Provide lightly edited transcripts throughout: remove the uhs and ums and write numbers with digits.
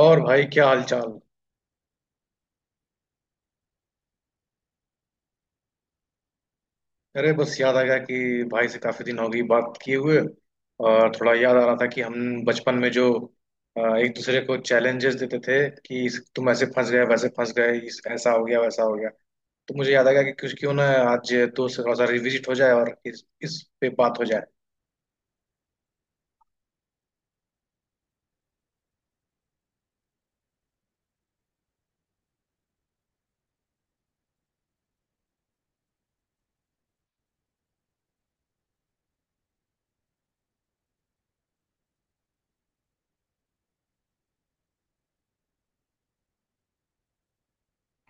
और भाई, क्या हाल चाल। अरे, बस याद आ गया कि भाई से काफी दिन हो गई बात किए हुए। और थोड़ा याद आ रहा था कि हम बचपन में जो एक दूसरे को चैलेंजेस देते थे कि तुम ऐसे फंस गए वैसे फंस गए, इस ऐसा हो गया वैसा हो गया। तो मुझे याद आ गया कि कुछ क्यों ना आज दोस्त थोड़ा सा रिविजिट हो जाए, और इस पे बात हो जाए।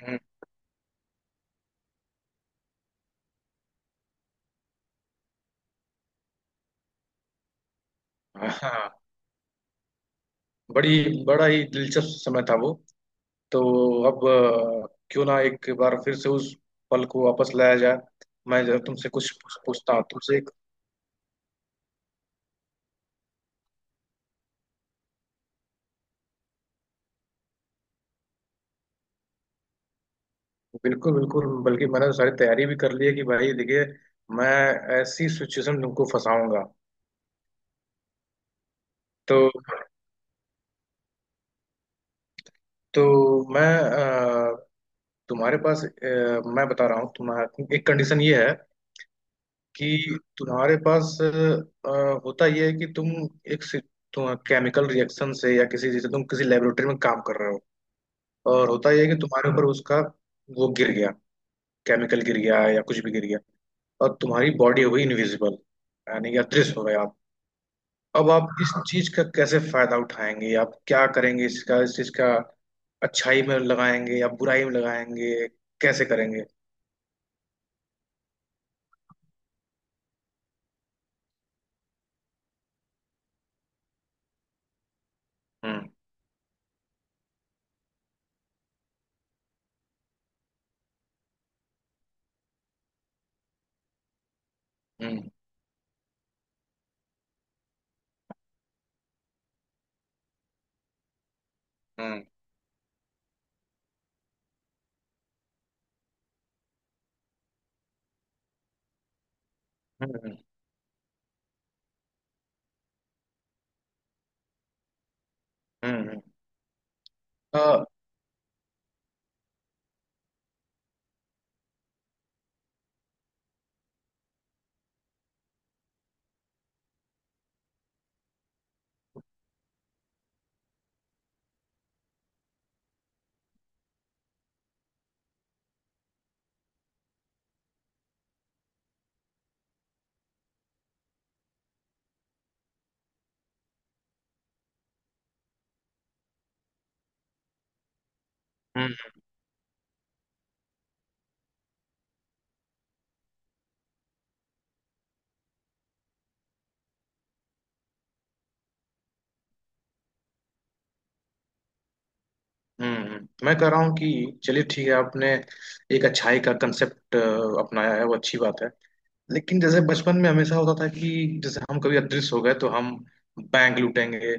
हम्म। हाँ, बड़ी बड़ा ही दिलचस्प समय था वो। तो अब, क्यों ना एक बार फिर से उस पल को वापस लाया जाए। मैं जब तुमसे कुछ पूछता हूँ तुमसे। बिल्कुल बिल्कुल, बल्कि मैंने तो सारी तैयारी भी कर ली है कि भाई देखिए, मैं ऐसी सिचुएशन में तुमको फंसाऊंगा। तो तो मैं, तुम्हारे पास, मैं बता रहा हूँ तुम्हारा एक कंडीशन ये है कि तुम्हारे पास होता ये है कि तुम एक सि- तुम केमिकल रिएक्शन से, या किसी जैसे, तुम किसी लेबोरेटरी में काम कर रहे हो, और होता ये है कि तुम्हारे ऊपर उसका वो गिर गया, केमिकल गिर गया या कुछ भी गिर गया, और तुम्हारी बॉडी हो गई इनविजिबल, यानी कि अदृश्य हो गया। अब आप इस चीज का कैसे फायदा उठाएंगे, आप क्या करेंगे इसका, इस चीज का? अच्छाई में लगाएंगे या बुराई में लगाएंगे? कैसे करेंगे? हम्म। हम्म। हम्म। हम्म। हम्म। अ, हम्म। हम्म। मैं कह रहा हूँ कि चलिए ठीक है, आपने एक अच्छाई का कंसेप्ट अपनाया है, वो अच्छी बात है। लेकिन जैसे बचपन में हमेशा होता था कि जैसे हम कभी अदृश्य हो गए तो हम बैंक लूटेंगे,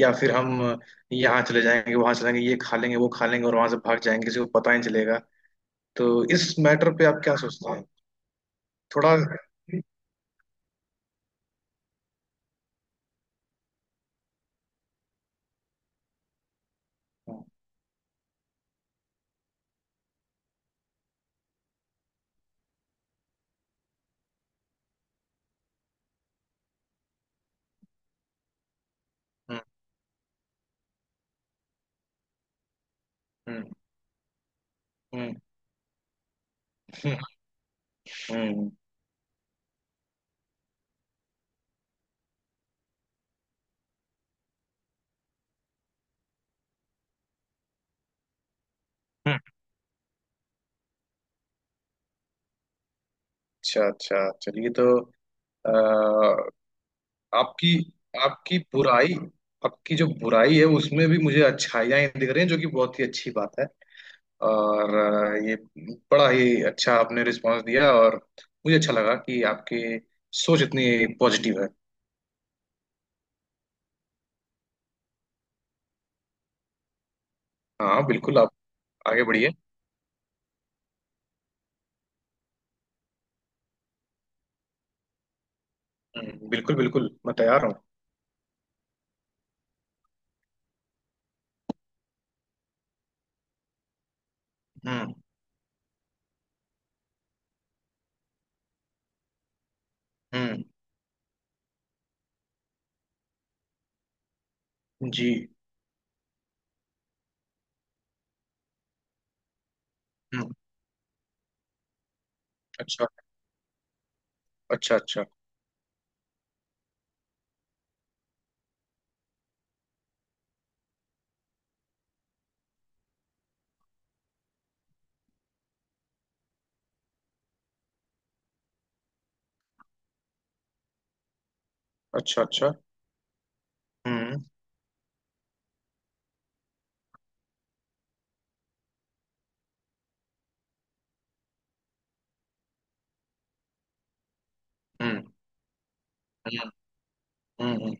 या फिर हम यहाँ चले जाएंगे, वहां चले जाएंगे, ये खा लेंगे, वो खा लेंगे और वहां से भाग जाएंगे, किसी को पता ही नहीं चलेगा। तो इस मैटर पे आप क्या सोचते हैं? थोड़ा। हम्म। हम्म। हम्म। हम्म। हम्म। हम्म। अच्छा अच्छा, चलिए। तो, आ, आपकी आपकी बुराई, आपकी जो बुराई है उसमें भी मुझे अच्छाइयाँ ही दिख रही हैं, जो कि बहुत ही अच्छी बात है। और ये बड़ा ही अच्छा आपने रिस्पांस दिया, और मुझे अच्छा लगा कि आपकी सोच इतनी पॉजिटिव है। हाँ बिल्कुल, आप आगे बढ़िए। बिल्कुल बिल्कुल, मैं तैयार हूँ। हम्म। हम्म। जी। हम्म। अच्छा। अच्छा। अच्छा। अच्छा। अच्छा। हम्म। हम्म। हम्म। हम्म।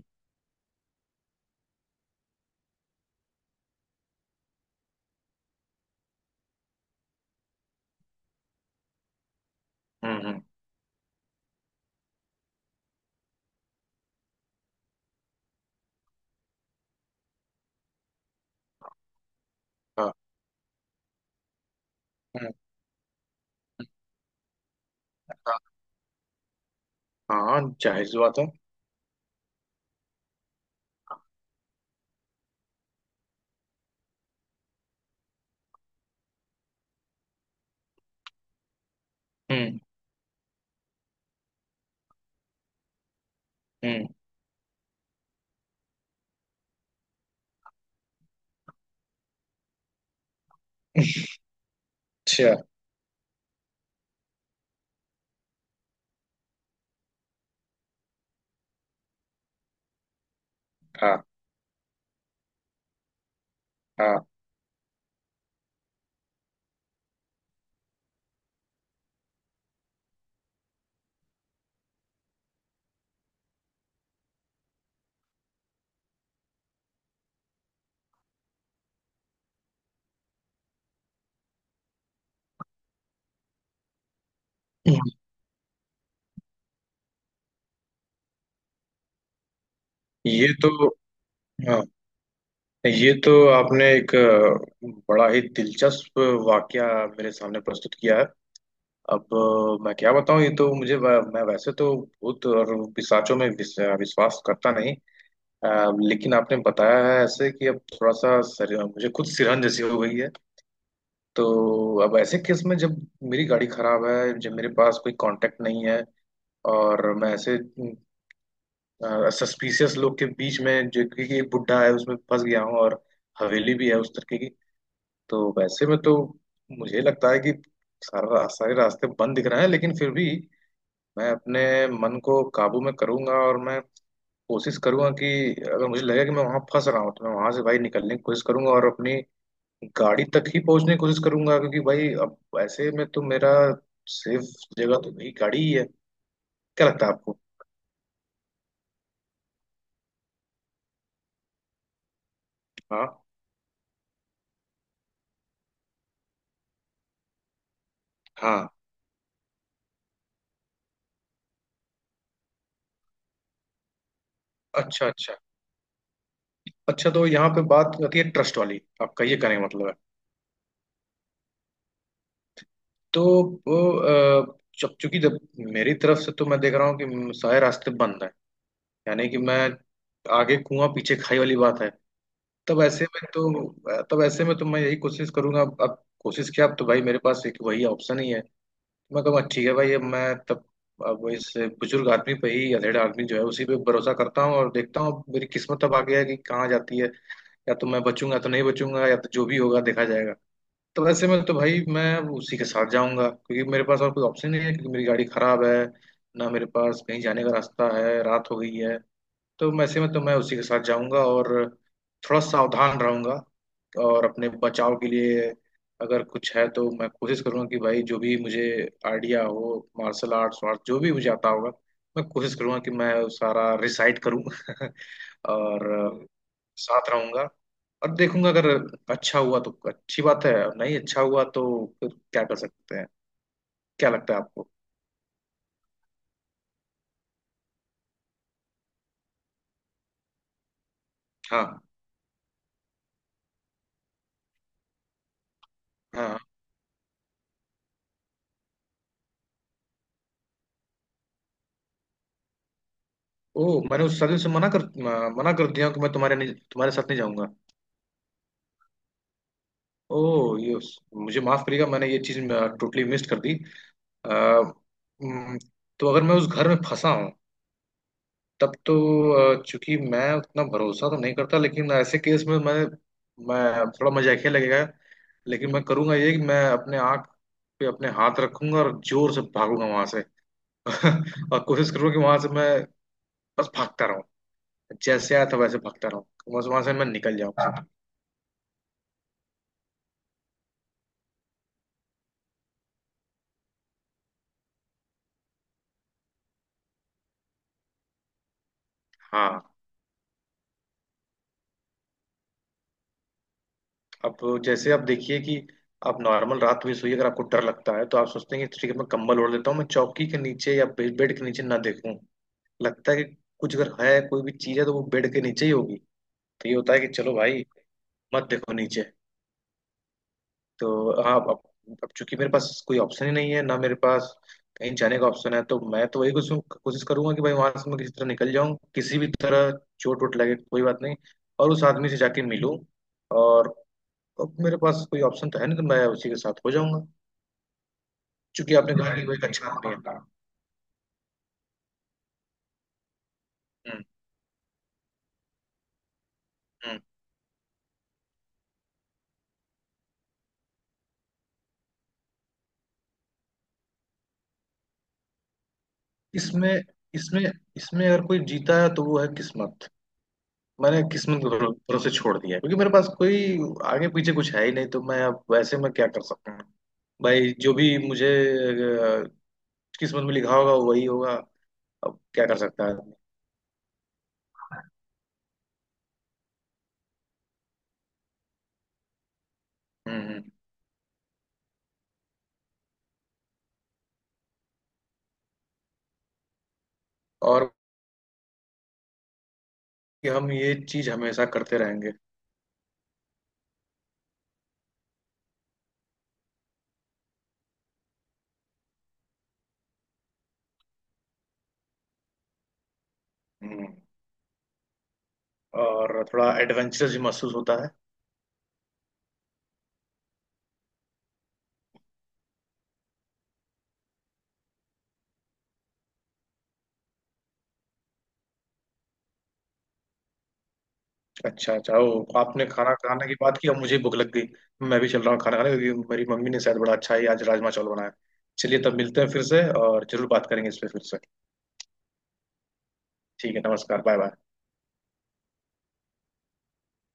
हम्म। हम्म। हाँ। हम्म। हाँ। हाँ, जाहिर सी बात है। हम्म। हम्म। अच्छा। हाँ। हाँ। हम्म। ये तो। हाँ, ये तो आपने एक बड़ा ही दिलचस्प वाकया मेरे सामने प्रस्तुत किया है। अब मैं क्या बताऊं, ये तो मैं वैसे तो भूत और पिशाचों में विश्वास करता नहीं। अ, लेकिन आपने बताया है ऐसे कि अब थोड़ा सा, मुझे खुद सिरहन जैसी हो गई है। तो अब ऐसे केस में, जब मेरी गाड़ी खराब है, जब मेरे पास कोई कांटेक्ट नहीं है, और मैं ऐसे सस्पिशियस लोग के बीच में, जो कि एक बुड्ढा है, उसमें फंस गया हूँ, और हवेली भी है उस तरीके की, तो वैसे में तो मुझे लगता है कि सारे रास्ते बंद दिख रहे हैं। लेकिन फिर भी मैं अपने मन को काबू में करूंगा, और मैं कोशिश करूंगा कि अगर मुझे लगेगा कि मैं वहां फंस रहा हूँ, तो मैं वहां से, भाई, निकलने की कोशिश करूंगा, और अपनी गाड़ी तक ही पहुंचने की कोशिश करूंगा, क्योंकि भाई अब ऐसे में तो मेरा सेफ जगह तो भाई गाड़ी ही है। क्या लगता है आपको? हाँ। हाँ। अच्छा अच्छा। अच्छा, तो यहाँ पे बात आती है ट्रस्ट वाली, आपका ये कहने का मतलब है। तो वो, जब चूंकि जब, मेरी तरफ से तो मैं देख रहा हूँ कि सारे रास्ते बंद हैं, यानी कि मैं, आगे कुआं पीछे खाई वाली बात है। तब ऐसे में तो मैं यही कोशिश करूंगा। अब कोशिश किया, अब तो भाई मेरे पास एक वही ऑप्शन ही है। मैं कहूँगा ठीक है भाई, अब मैं तब अब वो इस बुजुर्ग आदमी पे ही, अधेड़ आदमी जो है उसी पे भरोसा करता हूँ, और देखता हूँ मेरी किस्मत अब आगे है कि कहाँ जाती है। या तो मैं बचूंगा, तो नहीं बचूंगा, या तो जो भी होगा देखा जाएगा। तो वैसे में तो भाई मैं उसी के साथ जाऊंगा, क्योंकि मेरे पास और कोई ऑप्शन नहीं है, क्योंकि मेरी गाड़ी खराब है, ना मेरे पास कहीं जाने का रास्ता है, रात हो गई है। तो वैसे में तो मैं उसी के साथ जाऊंगा, और थोड़ा सावधान रहूंगा, और अपने बचाव के लिए अगर कुछ है तो मैं कोशिश करूंगा कि भाई जो भी मुझे आइडिया हो, मार्शल आर्ट्स वार्ट जो भी मुझे आता होगा, मैं कोशिश करूंगा कि मैं वो सारा रिसाइट करूं और साथ रहूंगा, और देखूंगा। अगर अच्छा हुआ तो अच्छी बात है, और नहीं अच्छा हुआ तो फिर क्या कर सकते हैं। क्या लगता है आपको? हाँ। हाँ। ओ, मैंने उस साजिश से मना कर दिया कि मैं तुम्हारे नहीं, तुम्हारे साथ नहीं जाऊंगा। ओह, ये, मुझे माफ करिएगा, मैंने ये चीज टोटली मिस कर दी। अ, हम्म, तो अगर मैं उस घर में फंसा हूँ तब तो, चूंकि मैं उतना भरोसा तो नहीं करता, लेकिन ऐसे केस में मैं थोड़ा मजाकिया लगेगा, लेकिन मैं करूंगा ये कि मैं अपने आँख पे अपने हाथ रखूंगा और जोर से भागूंगा वहां से और कोशिश करूंगा कि वहां से मैं बस भागता रहूं, जैसे आया था वैसे भागता रहूं, बस वहां से मैं निकल जाऊं। हाँ। अब जैसे आप देखिए कि आप नॉर्मल रात में सोइए, अगर आपको डर लगता है, तो आप सोचते हैं कि ठीक है, मैं कम्बल ओढ़ लेता हूँ, मैं चौकी के नीचे या बेड के नीचे ना देखूं। लगता है कि कुछ अगर है, कोई भी चीज है, तो वो बेड के नीचे ही होगी। तो ये होता है कि चलो भाई, मत देखो नीचे। तो हाँ, अब चूंकि मेरे पास कोई ऑप्शन ही नहीं है, ना मेरे पास कहीं जाने का ऑप्शन है, तो मैं तो वही कुछ कोशिश करूंगा कि भाई वहां से मैं किसी तरह निकल जाऊं, किसी भी तरह, चोट वोट लगे कोई बात नहीं, और उस आदमी से जाके मिलूं, और अब मेरे पास कोई ऑप्शन तो है नहीं, तो मैं उसी के साथ हो जाऊंगा, क्योंकि आपने कहा कि वो एक अच्छा आदमी है। हम्म। हम्म। इसमें इसमें इसमें अगर कोई जीता है तो वो है किस्मत। मैंने किस्मत के भरोसे छोड़ दिया है, क्योंकि मेरे पास कोई आगे पीछे कुछ है ही नहीं, तो मैं अब, वैसे मैं क्या कर सकता हूँ। भाई जो भी मुझे किस्मत में लिखा होगा वही होगा। अब क्या कर सकता है आदमी। हम्म। हम्म। और, कि हम ये चीज हमेशा करते रहेंगे। हम्म। और थोड़ा एडवेंचरस भी महसूस होता है। अच्छा अच्छा, ओ आपने खाना खाने की बात की, अब मुझे भूख लग गई। मैं भी चल रहा हूँ खाना खाने, क्योंकि मेरी मम्मी ने शायद बड़ा अच्छा ही आज राजमा चावल बनाया। चलिए, तब मिलते हैं फिर से और जरूर बात करेंगे इस पे फिर से। ठीक है, नमस्कार, बाय बाय।